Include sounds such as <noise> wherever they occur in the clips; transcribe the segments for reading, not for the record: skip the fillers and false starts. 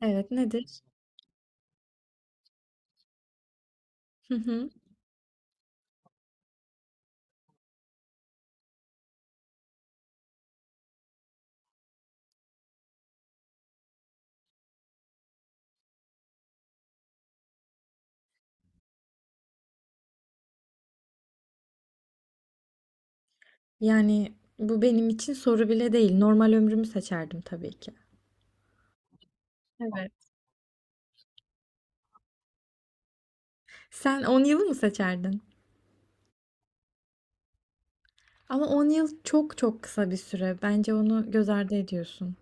Evet, nedir? Hı hı. Yani bu benim için soru bile değil. Normal ömrümü seçerdim tabii ki. Evet. Sen 10'u mı seçerdin? Ama 10 yıl çok çok kısa bir süre. Bence onu göz ardı ediyorsun.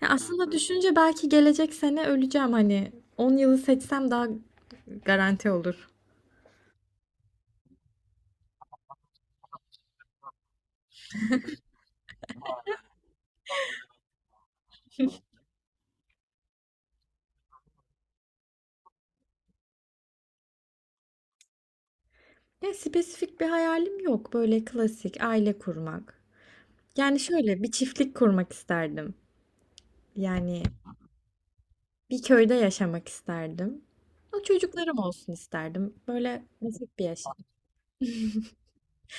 Ya aslında düşünce belki gelecek sene öleceğim hani 10'u seçsem daha garanti olur. Ya spesifik bir hayalim yok. Böyle klasik aile kurmak. Yani şöyle bir çiftlik kurmak isterdim. Yani bir köyde yaşamak isterdim. Ama çocuklarım olsun isterdim. Böyle basit bir yaşam.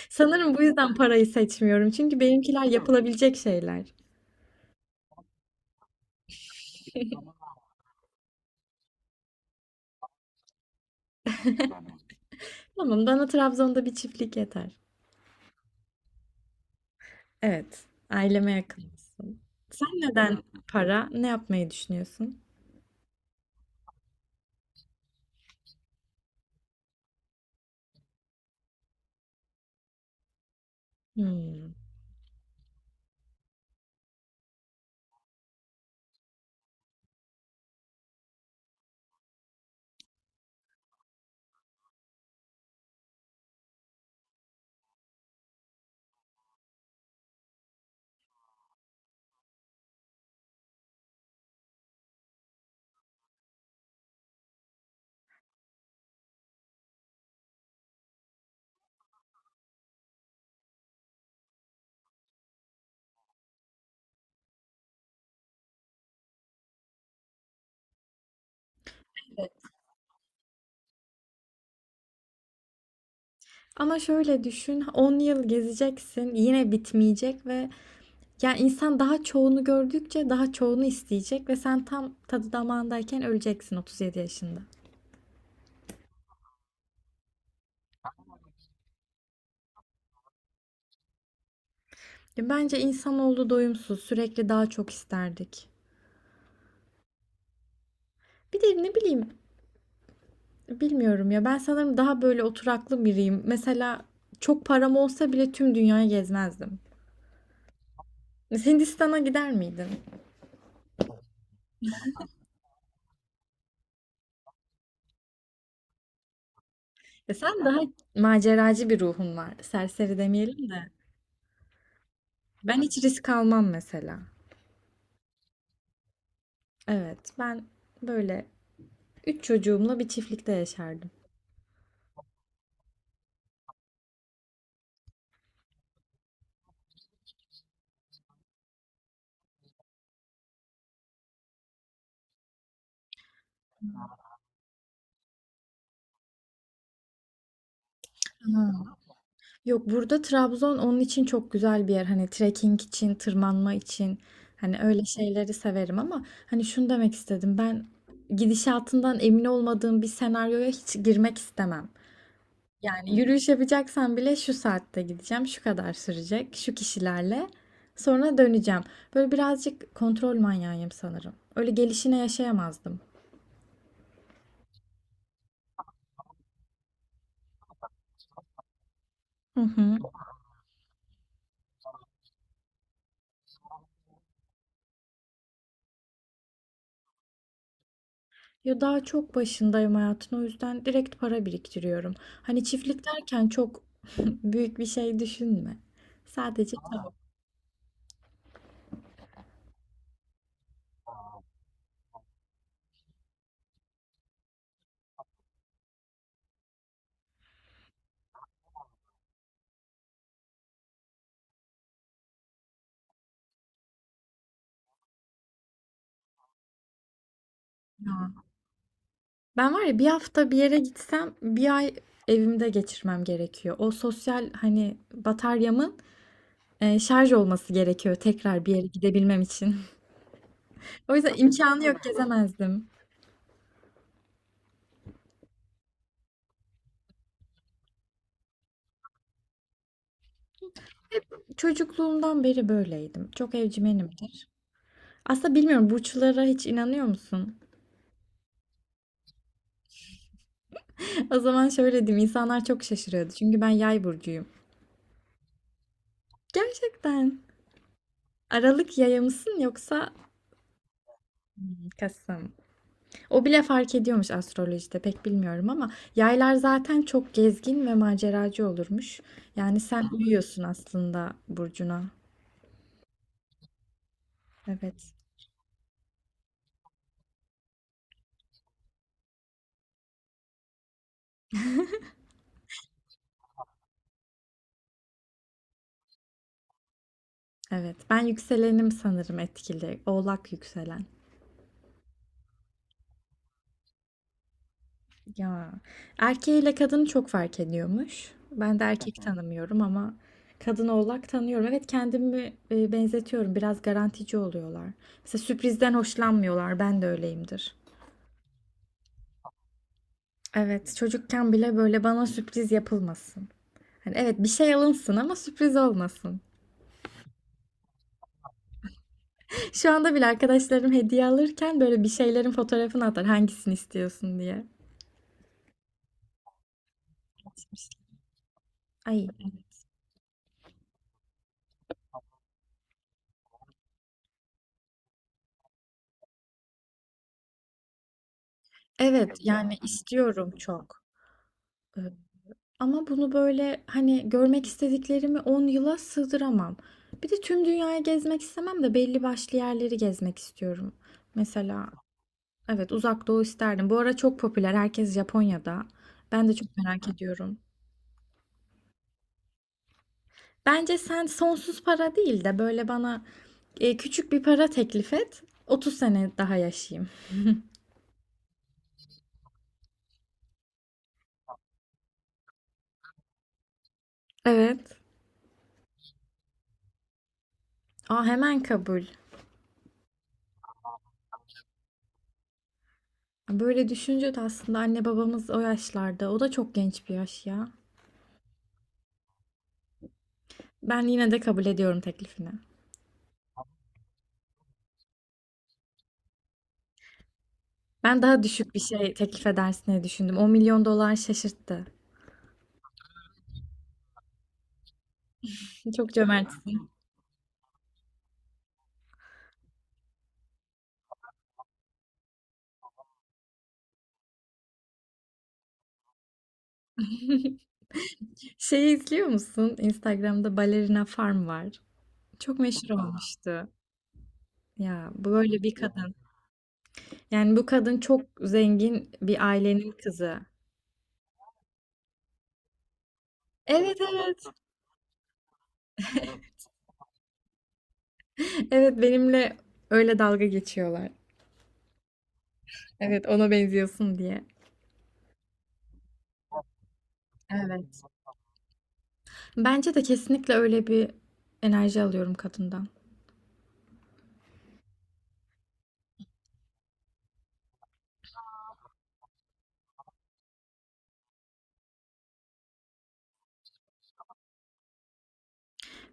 Sanırım bu yüzden parayı seçmiyorum. Çünkü benimkiler yapılabilecek şeyler. Tamam, bana Trabzon'da bir çiftlik yeter. Evet, aileme yakın olsun. Sen neden para? Ne yapmayı düşünüyorsun? Hmm. Ama şöyle düşün, 10 yıl gezeceksin, yine bitmeyecek ve ya insan daha çoğunu gördükçe daha çoğunu isteyecek ve sen tam tadı damağındayken öleceksin 37 yaşında. Ya bence insanoğlu doyumsuz, sürekli daha çok isterdik. Bir de ne bileyim, bilmiyorum ya ben sanırım daha böyle oturaklı biriyim. Mesela çok param olsa bile tüm dünyayı gezmezdim. Hindistan'a gider miydin? Ya sen daha maceracı bir ruhun var. Serseri demeyelim de. Ben hiç risk almam mesela. Evet, ben böyle üç çocuğumla bir çiftlikte yaşardım. Ha. Yok, burada Trabzon onun için çok güzel bir yer. Hani trekking için, tırmanma için. Hani öyle şeyleri severim ama hani şunu demek istedim. Ben gidişatından emin olmadığım bir senaryoya hiç girmek istemem. Yani yürüyüş yapacaksan bile şu saatte gideceğim, şu kadar sürecek, şu kişilerle sonra döneceğim. Böyle birazcık kontrol manyağıyım sanırım. Öyle gelişine yaşayamazdım. Hı hı. Ya daha çok başındayım hayatın, o yüzden direkt para biriktiriyorum. Hani çiftlik derken çok büyük bir şey düşünme. Sadece tamam. Ben var ya, bir hafta bir yere gitsem bir ay evimde geçirmem gerekiyor. O sosyal hani bataryamın şarj olması gerekiyor tekrar bir yere gidebilmem için. <laughs> O yüzden imkanı yok, gezemezdim. Çocukluğumdan beri böyleydim. Çok evcimenimdir. Aslında bilmiyorum, burçlara hiç inanıyor musun? <laughs> O zaman şöyle diyeyim, insanlar çok şaşırıyordu. Çünkü ben yay burcuyum. Gerçekten. Aralık yaya mısın yoksa Hmm, Kasım? O bile fark ediyormuş, astrolojide pek bilmiyorum ama yaylar zaten çok gezgin ve maceracı olurmuş. Yani sen uyuyorsun aslında burcuna. Evet. Evet. Ben yükselenim sanırım etkili. Oğlak yükselen. Ya. Erkeğiyle kadını çok fark ediyormuş. Ben de erkek tanımıyorum ama kadın oğlak tanıyorum. Evet, kendimi benzetiyorum. Biraz garantici oluyorlar. Mesela sürprizden hoşlanmıyorlar. Ben de öyleyimdir. Evet, çocukken bile böyle bana sürpriz yapılmasın. Hani evet bir şey alınsın ama sürpriz olmasın. <laughs> Şu anda bile arkadaşlarım hediye alırken böyle bir şeylerin fotoğrafını atar hangisini istiyorsun diye. Ay, evet yani istiyorum çok. Ee, Ama bunu böyle hani görmek istediklerimi 10'a sığdıramam. Bir de tüm dünyayı gezmek istemem de, belli başlı yerleri gezmek istiyorum. Mesela evet, Uzak Doğu isterdim. Bu ara çok popüler, herkes Japonya'da. Ben de çok merak ediyorum. Bence sen sonsuz para değil de böyle bana küçük bir para teklif et. 30 sene daha yaşayayım. Evet. Aa, hemen kabul. Böyle düşünce de aslında anne babamız o yaşlarda. O da çok genç bir yaş ya. Ben yine de kabul ediyorum teklifini. Ben daha düşük bir şey teklif edersin diye düşündüm. 10 milyon dolar şaşırttı. Çok cömertsin. Şeyi izliyor musun? Instagram'da Ballerina Farm var. Çok meşhur olmuştu. Ya bu böyle bir kadın. Yani bu kadın çok zengin bir ailenin kızı. Evet, evet. Evet, benimle öyle dalga geçiyorlar. Evet, ona benziyorsun diye. Evet. Bence de kesinlikle öyle bir enerji alıyorum kadından.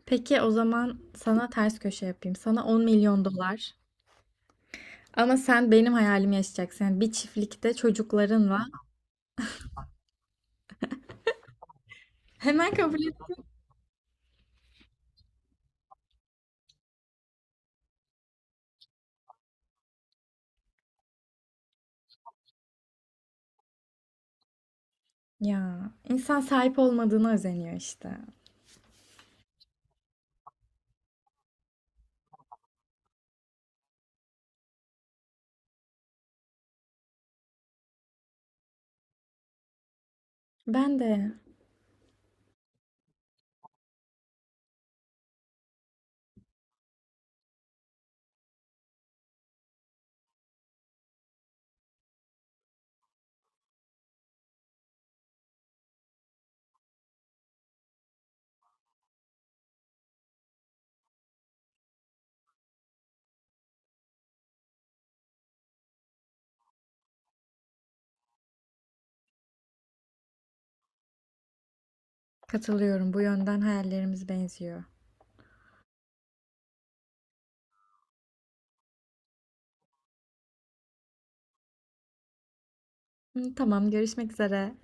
Peki o zaman sana ters köşe yapayım. Sana 10 milyon dolar. Ama sen benim hayalimi yaşayacaksın. Yani bir çiftlikte çocuklarınla. Hemen kabul et. Ya insan sahip olmadığına özeniyor işte. Ben de katılıyorum. Bu yönden hayallerimiz benziyor. Hı, tamam, görüşmek üzere.